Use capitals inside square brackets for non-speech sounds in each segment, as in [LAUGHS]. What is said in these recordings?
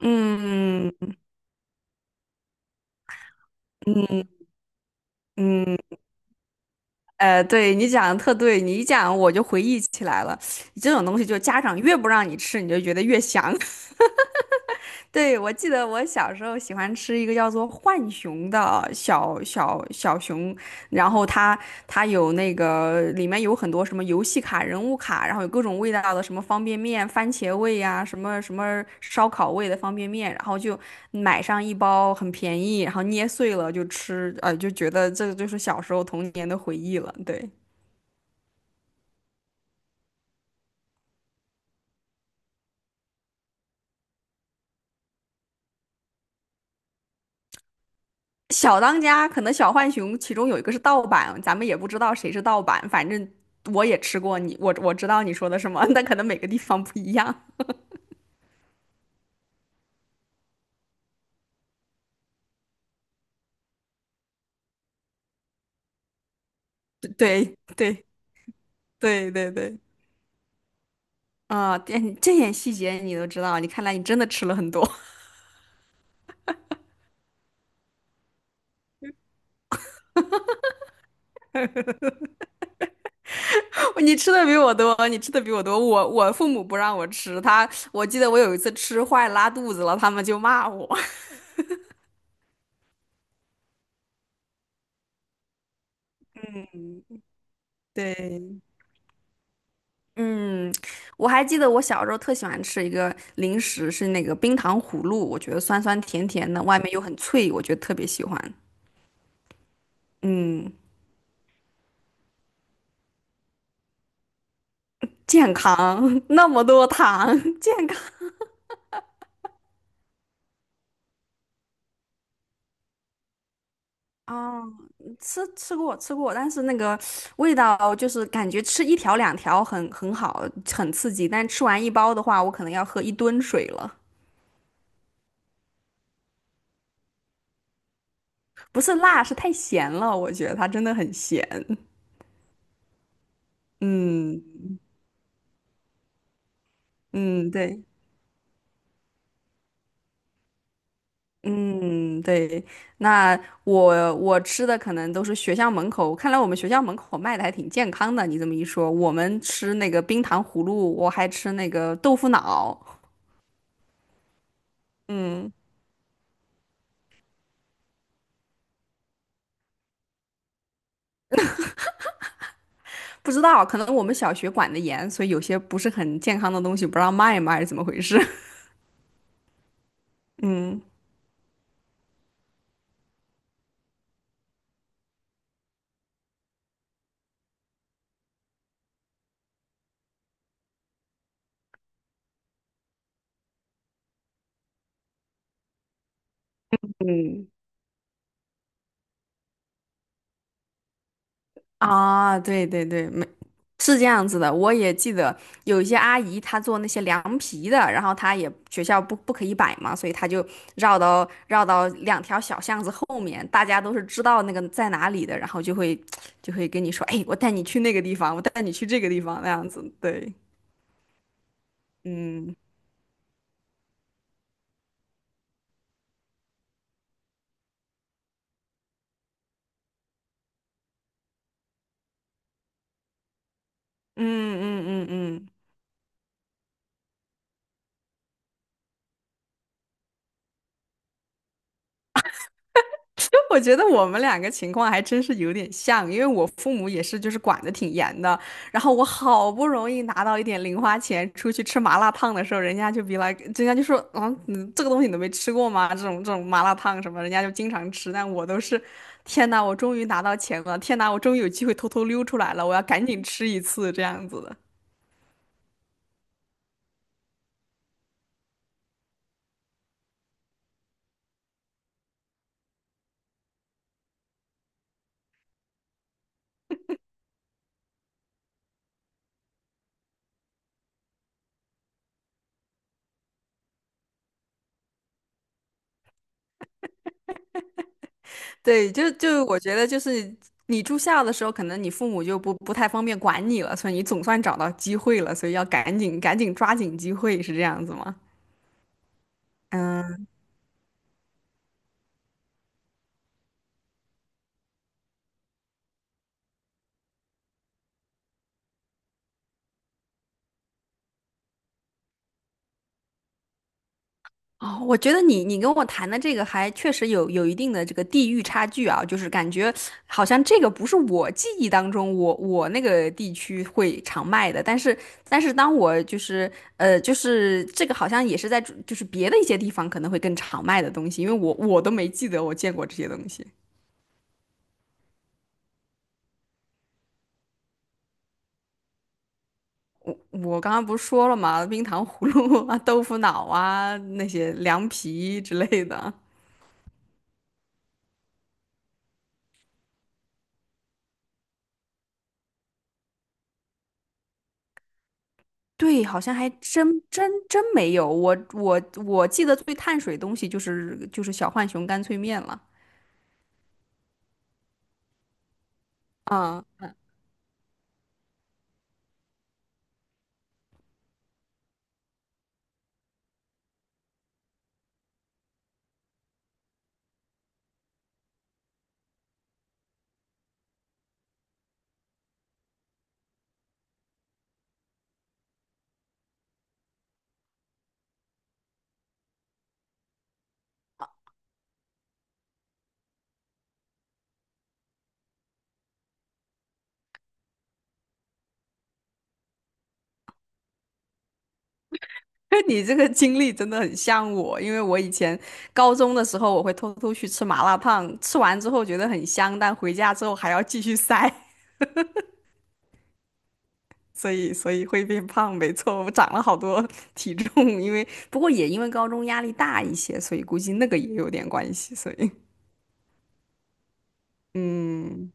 嗯嗯，对你讲的特对，你一讲我就回忆起来了。这种东西就家长越不让你吃，你就觉得越香。[LAUGHS] 对，我记得我小时候喜欢吃一个叫做浣熊的小熊，然后它有那个里面有很多什么游戏卡、人物卡，然后有各种味道的什么方便面、番茄味呀、什么烧烤味的方便面，然后就买上一包，很便宜，然后捏碎了就吃，就觉得这就是小时候童年的回忆了。对，小当家可能小浣熊其中有一个是盗版，咱们也不知道谁是盗版，反正我也吃过你，我知道你说的什么，但可能每个地方不一样。[LAUGHS] 对对对对对。啊，这点细节你都知道，你看来你真的吃了很多。[LAUGHS] 你吃的比我多，你吃的比我多。我父母不让我吃，他我记得我有一次吃坏拉肚子了，他们就骂我。[LAUGHS] 对。嗯，我还记得我小时候特喜欢吃一个零食，是那个冰糖葫芦，我觉得酸酸甜甜的，外面又很脆，我觉得特别喜欢。嗯，健康，[LAUGHS] 那么多糖，[LAUGHS] 健康。啊！吃过，但是那个味道就是感觉吃一条两条很好，很刺激，但吃完一包的话，我可能要喝一吨水了。不是辣，是太咸了，我觉得它真的很咸。嗯嗯，对。嗯，对，那我我吃的可能都是学校门口，看来我们学校门口卖的还挺健康的。你这么一说，我们吃那个冰糖葫芦，我还吃那个豆腐脑。嗯，不知道，可能我们小学管的严，所以有些不是很健康的东西不让卖嘛，还是怎么回事？[LAUGHS] 嗯嗯。啊，对对对，没，是这样子的。我也记得有一些阿姨，她做那些凉皮的，然后她也学校不可以摆嘛，所以她就绕到两条小巷子后面，大家都是知道那个在哪里的，然后就会跟你说，哎，我带你去那个地方，我带你去这个地方，那样子。对，嗯嗯嗯嗯嗯。就 [LAUGHS] 我觉得我们两个情况还真是有点像，因为我父母也是，就是管得挺严的。然后我好不容易拿到一点零花钱，出去吃麻辣烫的时候，人家就比来，人家就说，啊，你这个东西你都没吃过吗？这种这种麻辣烫什么，人家就经常吃。但我都是，天呐，我终于拿到钱了！天呐，我终于有机会偷偷溜出来了！我要赶紧吃一次这样子的。对，就我觉得就是你住校的时候，可能你父母就不太方便管你了，所以你总算找到机会了，所以要赶紧抓紧机会，是这样子吗？嗯，哦，我觉得你你跟我谈的这个还确实有一定的这个地域差距啊，就是感觉好像这个不是我记忆当中我我那个地区会常卖的，但是但是当我就是就是这个好像也是在就是别的一些地方可能会更常卖的东西，因为我我都没记得我见过这些东西。我刚刚不是说了嘛，冰糖葫芦啊、豆腐脑啊、那些凉皮之类的。对，好像还真没有。我记得最碳水东西就是小浣熊干脆面了。啊，[LAUGHS] 你这个经历真的很像我，因为我以前高中的时候，我会偷偷去吃麻辣烫，吃完之后觉得很香，但回家之后还要继续塞。[LAUGHS] 所以会变胖，没错，我长了好多 [LAUGHS] 体重，因为不过也因为高中压力大一些，所以估计那个也有点关系，所以嗯，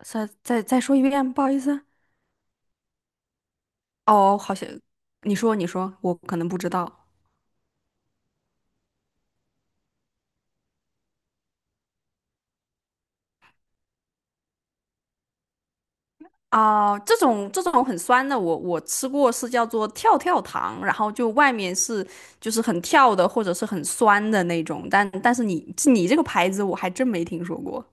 再说一遍，不好意思。哦，好像你说你说，我可能不知道。哦，这种这种很酸的，我我吃过是叫做跳跳糖，然后就外面是就是很跳的或者是很酸的那种，但但是你你这个牌子我还真没听说过。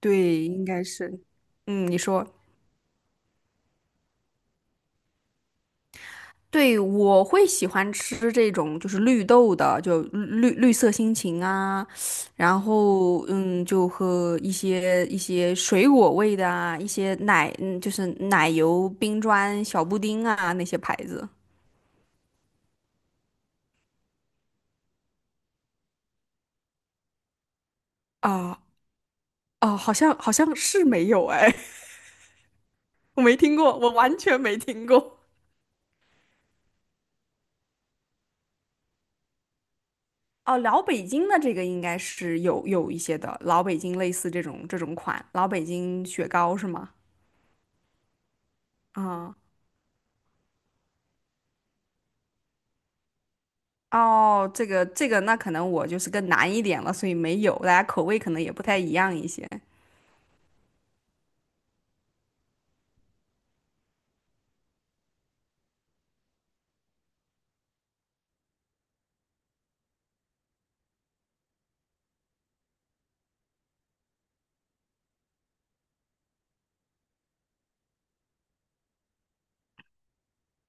对，应该是。嗯，你说。对，我会喜欢吃这种就是绿豆的，就绿绿色心情啊，然后嗯，就和一些一些水果味的啊，一些奶，嗯，就是奶油冰砖小布丁啊那些牌子啊。哦，好像好像是没有哎。[LAUGHS] 我没听过，我完全没听过。哦，老北京的这个应该是有有一些的，老北京类似这种这种款，老北京雪糕是吗？啊。哦，这个这个，那可能我就是更难一点了，所以没有，大家口味可能也不太一样一些。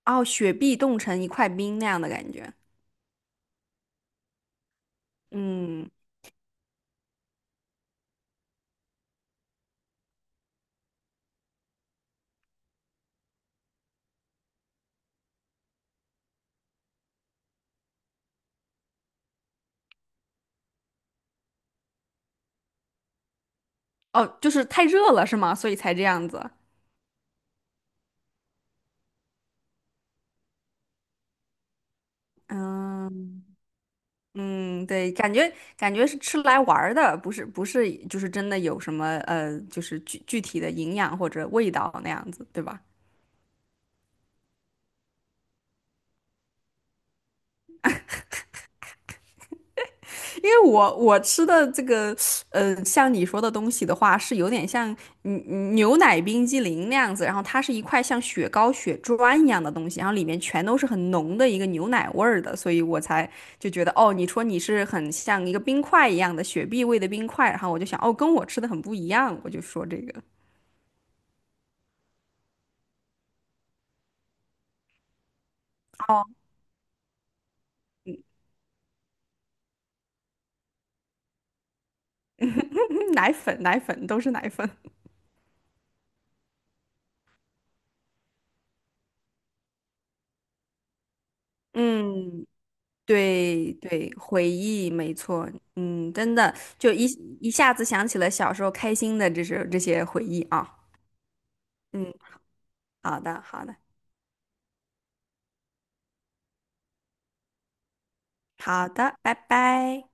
哦，雪碧冻成一块冰那样的感觉。嗯，哦，就是太热了是吗？所以才这样子。嗯嗯，对，感觉感觉是吃来玩儿的，不是不是，就是真的有什么就是具体的营养或者味道那样子，对吧？因为我我吃的这个，像你说的东西的话，是有点像嗯嗯牛奶冰激凌那样子，然后它是一块像雪糕、雪砖一样的东西，然后里面全都是很浓的一个牛奶味儿的，所以我才就觉得，哦，你说你是很像一个冰块一样的雪碧味的冰块，然后我就想，哦，跟我吃的很不一样，我就说这个，哦，嗯奶粉，奶粉都是奶粉，嗯，对对，回忆没错，嗯，真的就一一下子想起了小时候开心的这是这些回忆啊，嗯，好的好的，拜拜。